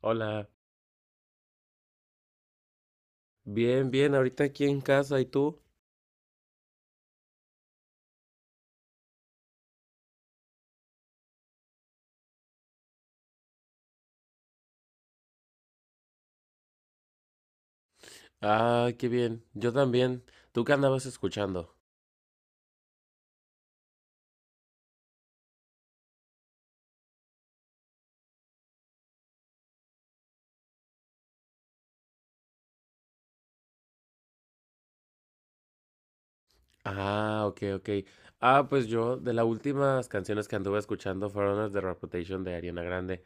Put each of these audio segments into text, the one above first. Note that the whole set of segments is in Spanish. Hola, bien, bien, ahorita aquí en casa, ¿y tú? Ah, qué bien, yo también. ¿Tú qué andabas escuchando? Ah, ok, ok. Ah, pues yo, de las últimas canciones que anduve escuchando fueron las de Reputation de Ariana Grande.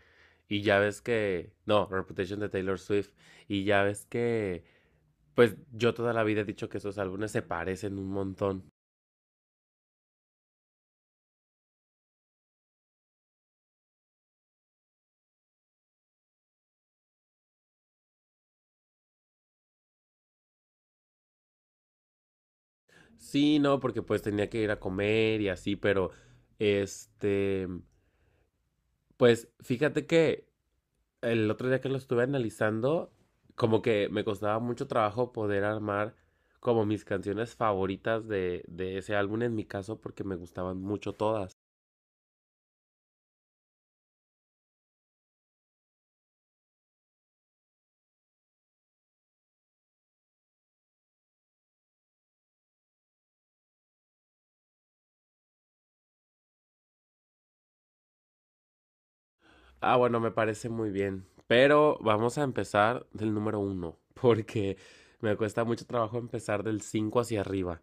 Y ya ves que... No, Reputation de Taylor Swift. Y ya ves que... Pues yo toda la vida he dicho que esos álbumes se parecen un montón. Sí, no, porque pues tenía que ir a comer y así, pero... Este... Pues fíjate que el otro día que lo estuve analizando, como que me costaba mucho trabajo poder armar como mis canciones favoritas de ese álbum en mi caso porque me gustaban mucho todas. Ah, bueno, me parece muy bien. Pero vamos a empezar del número uno porque me cuesta mucho trabajo empezar del 5 hacia arriba.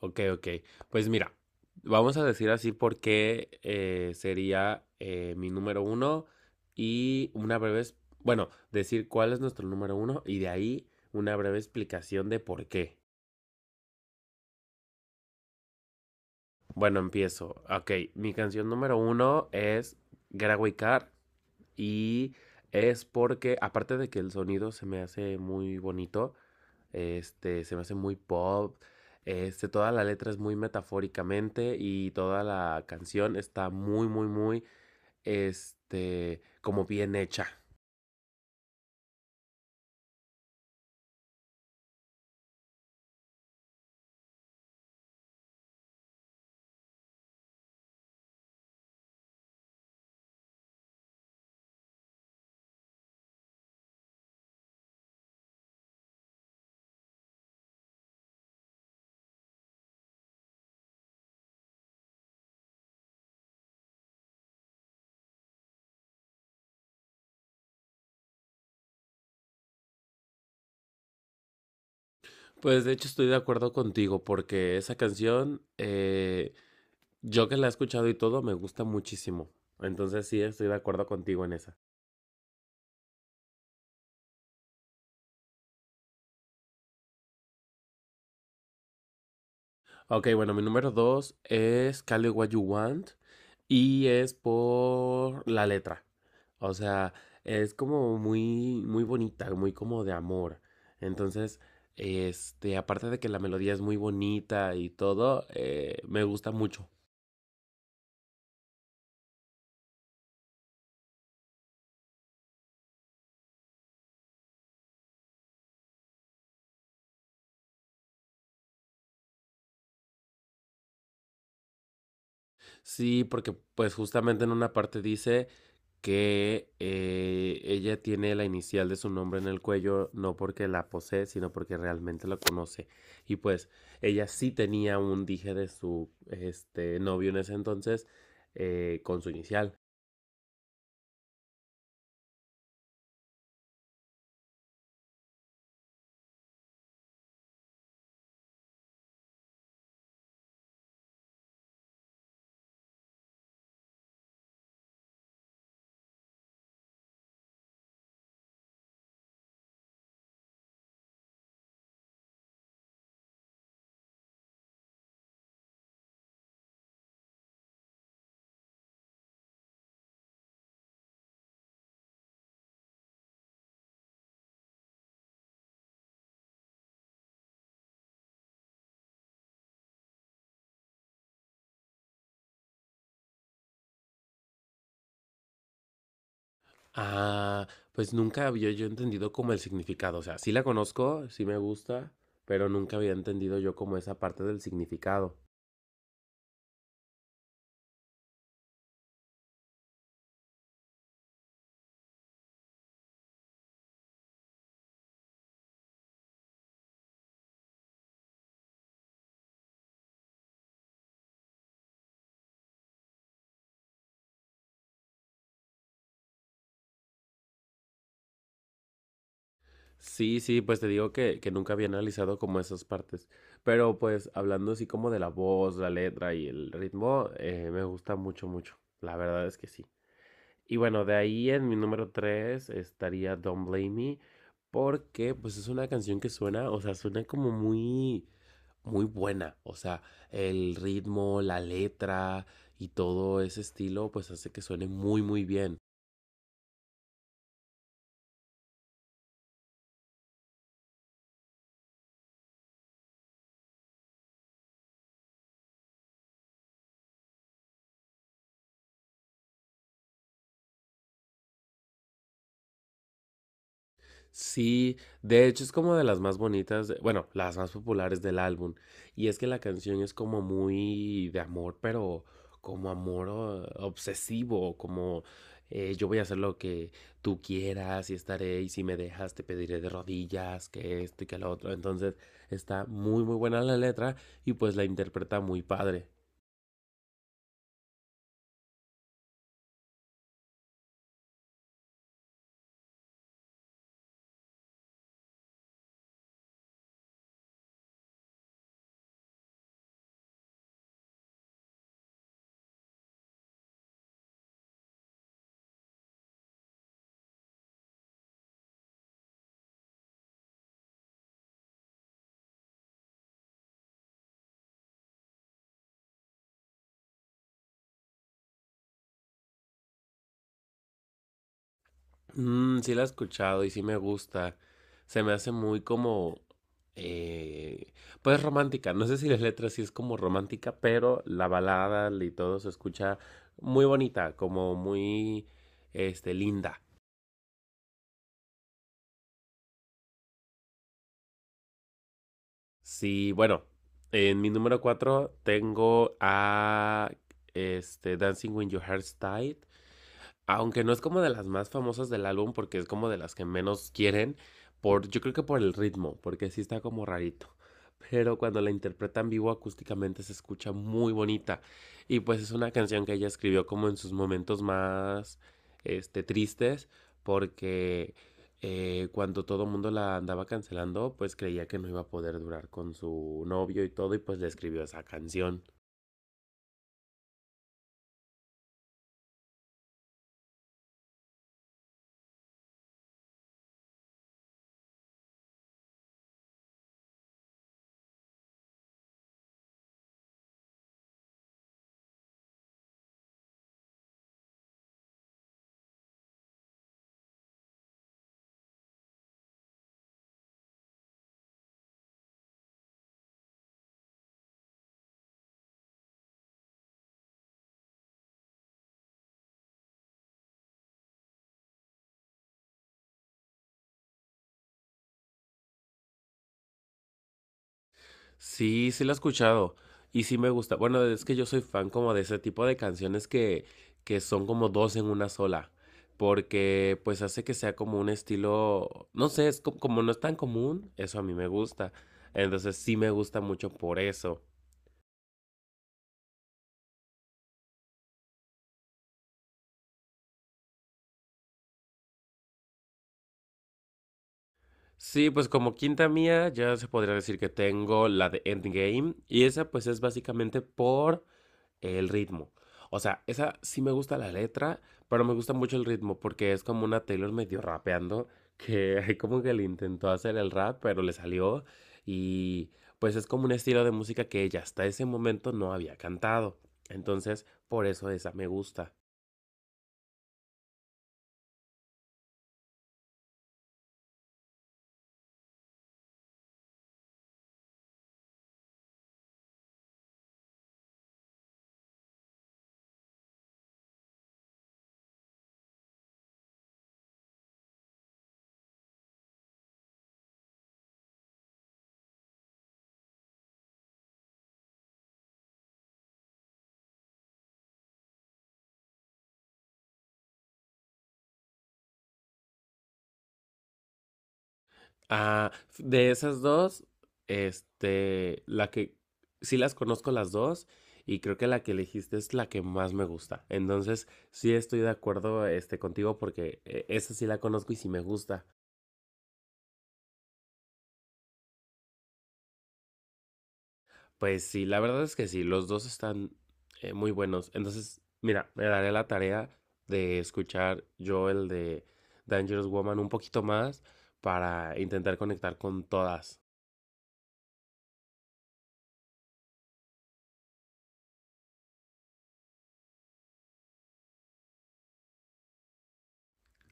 Ok, ok. Pues mira, vamos a decir así porque sería mi número uno y una bueno, decir cuál es nuestro número uno y de ahí una breve explicación de por qué. Bueno, empiezo. Ok, mi canción número uno es Getaway Car y es porque, aparte de que el sonido se me hace muy bonito. Se me hace muy pop. Toda la letra es muy metafóricamente y toda la canción está muy, muy, muy, como bien hecha. Pues de hecho estoy de acuerdo contigo porque esa canción, yo que la he escuchado y todo, me gusta muchísimo. Entonces sí, estoy de acuerdo contigo en esa. Ok, bueno, mi número dos es Call It What You Want y es por la letra. O sea, es como muy, muy bonita, muy como de amor. Entonces, aparte de que la melodía es muy bonita y todo, me gusta mucho. Sí, porque pues justamente en una parte dice que ella tiene la inicial de su nombre en el cuello, no porque la posee, sino porque realmente la conoce. Y pues ella sí tenía un dije de su novio en ese entonces con su inicial. Ah, pues nunca había yo entendido como el significado. O sea, sí la conozco, sí me gusta, pero nunca había entendido yo como esa parte del significado. Sí, sí, pues te digo que nunca había analizado como esas partes, pero pues hablando así como de la voz, la letra y el ritmo, me gusta mucho, mucho, la verdad es que sí. Y bueno, de ahí en mi número 3 estaría Don't Blame Me, porque pues es una canción que suena, o sea, suena como muy, muy buena, o sea, el ritmo, la letra y todo ese estilo, pues hace que suene muy, muy bien. Sí, de hecho es como de las más bonitas, bueno, las más populares del álbum. Y es que la canción es como muy de amor, pero como amor obsesivo, como yo voy a hacer lo que tú quieras y estaré, y si me dejas te pediré de rodillas, que esto y que lo otro. Entonces está muy, muy buena la letra y pues la interpreta muy padre. Mm, sí la he escuchado y sí me gusta. Se me hace muy como, eh, pues romántica. No sé si las letras sí es como romántica, pero la balada y todo se escucha muy bonita, como muy, linda. Sí, bueno, en mi número 4 tengo a Dancing with Your Heart Tied. Aunque no es como de las más famosas del álbum porque es como de las que menos quieren, por, yo creo que por el ritmo, porque sí está como rarito. Pero cuando la interpreta en vivo acústicamente se escucha muy bonita. Y pues es una canción que ella escribió como en sus momentos más tristes, porque cuando todo el mundo la andaba cancelando, pues creía que no iba a poder durar con su novio y todo, y pues le escribió esa canción. Sí, sí la he escuchado. Y sí me gusta. Bueno, es que yo soy fan como de ese tipo de canciones que son como dos en una sola. Porque pues hace que sea como un estilo, no sé, como no es tan común, eso a mí me gusta. Entonces sí me gusta mucho por eso. Sí, pues como quinta mía ya se podría decir que tengo la de Endgame. Y esa pues es básicamente por el ritmo. O sea, esa sí me gusta la letra, pero me gusta mucho el ritmo porque es como una Taylor medio rapeando, que como que le intentó hacer el rap, pero le salió y pues es como un estilo de música que ella hasta ese momento no había cantado. Entonces, por eso esa me gusta. Ah, de esas dos, la que sí las conozco las dos y creo que la que elegiste es la que más me gusta. Entonces, sí estoy de acuerdo contigo porque esa sí la conozco y sí me gusta. Pues sí, la verdad es que sí, los dos están muy buenos. Entonces, mira, me daré la tarea de escuchar yo el de Dangerous Woman un poquito más para intentar conectar con todas.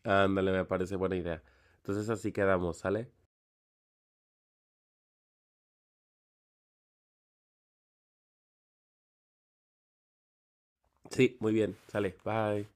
Ándale, me parece buena idea. Entonces así quedamos, ¿sale? Sí, muy bien. Sale. Bye.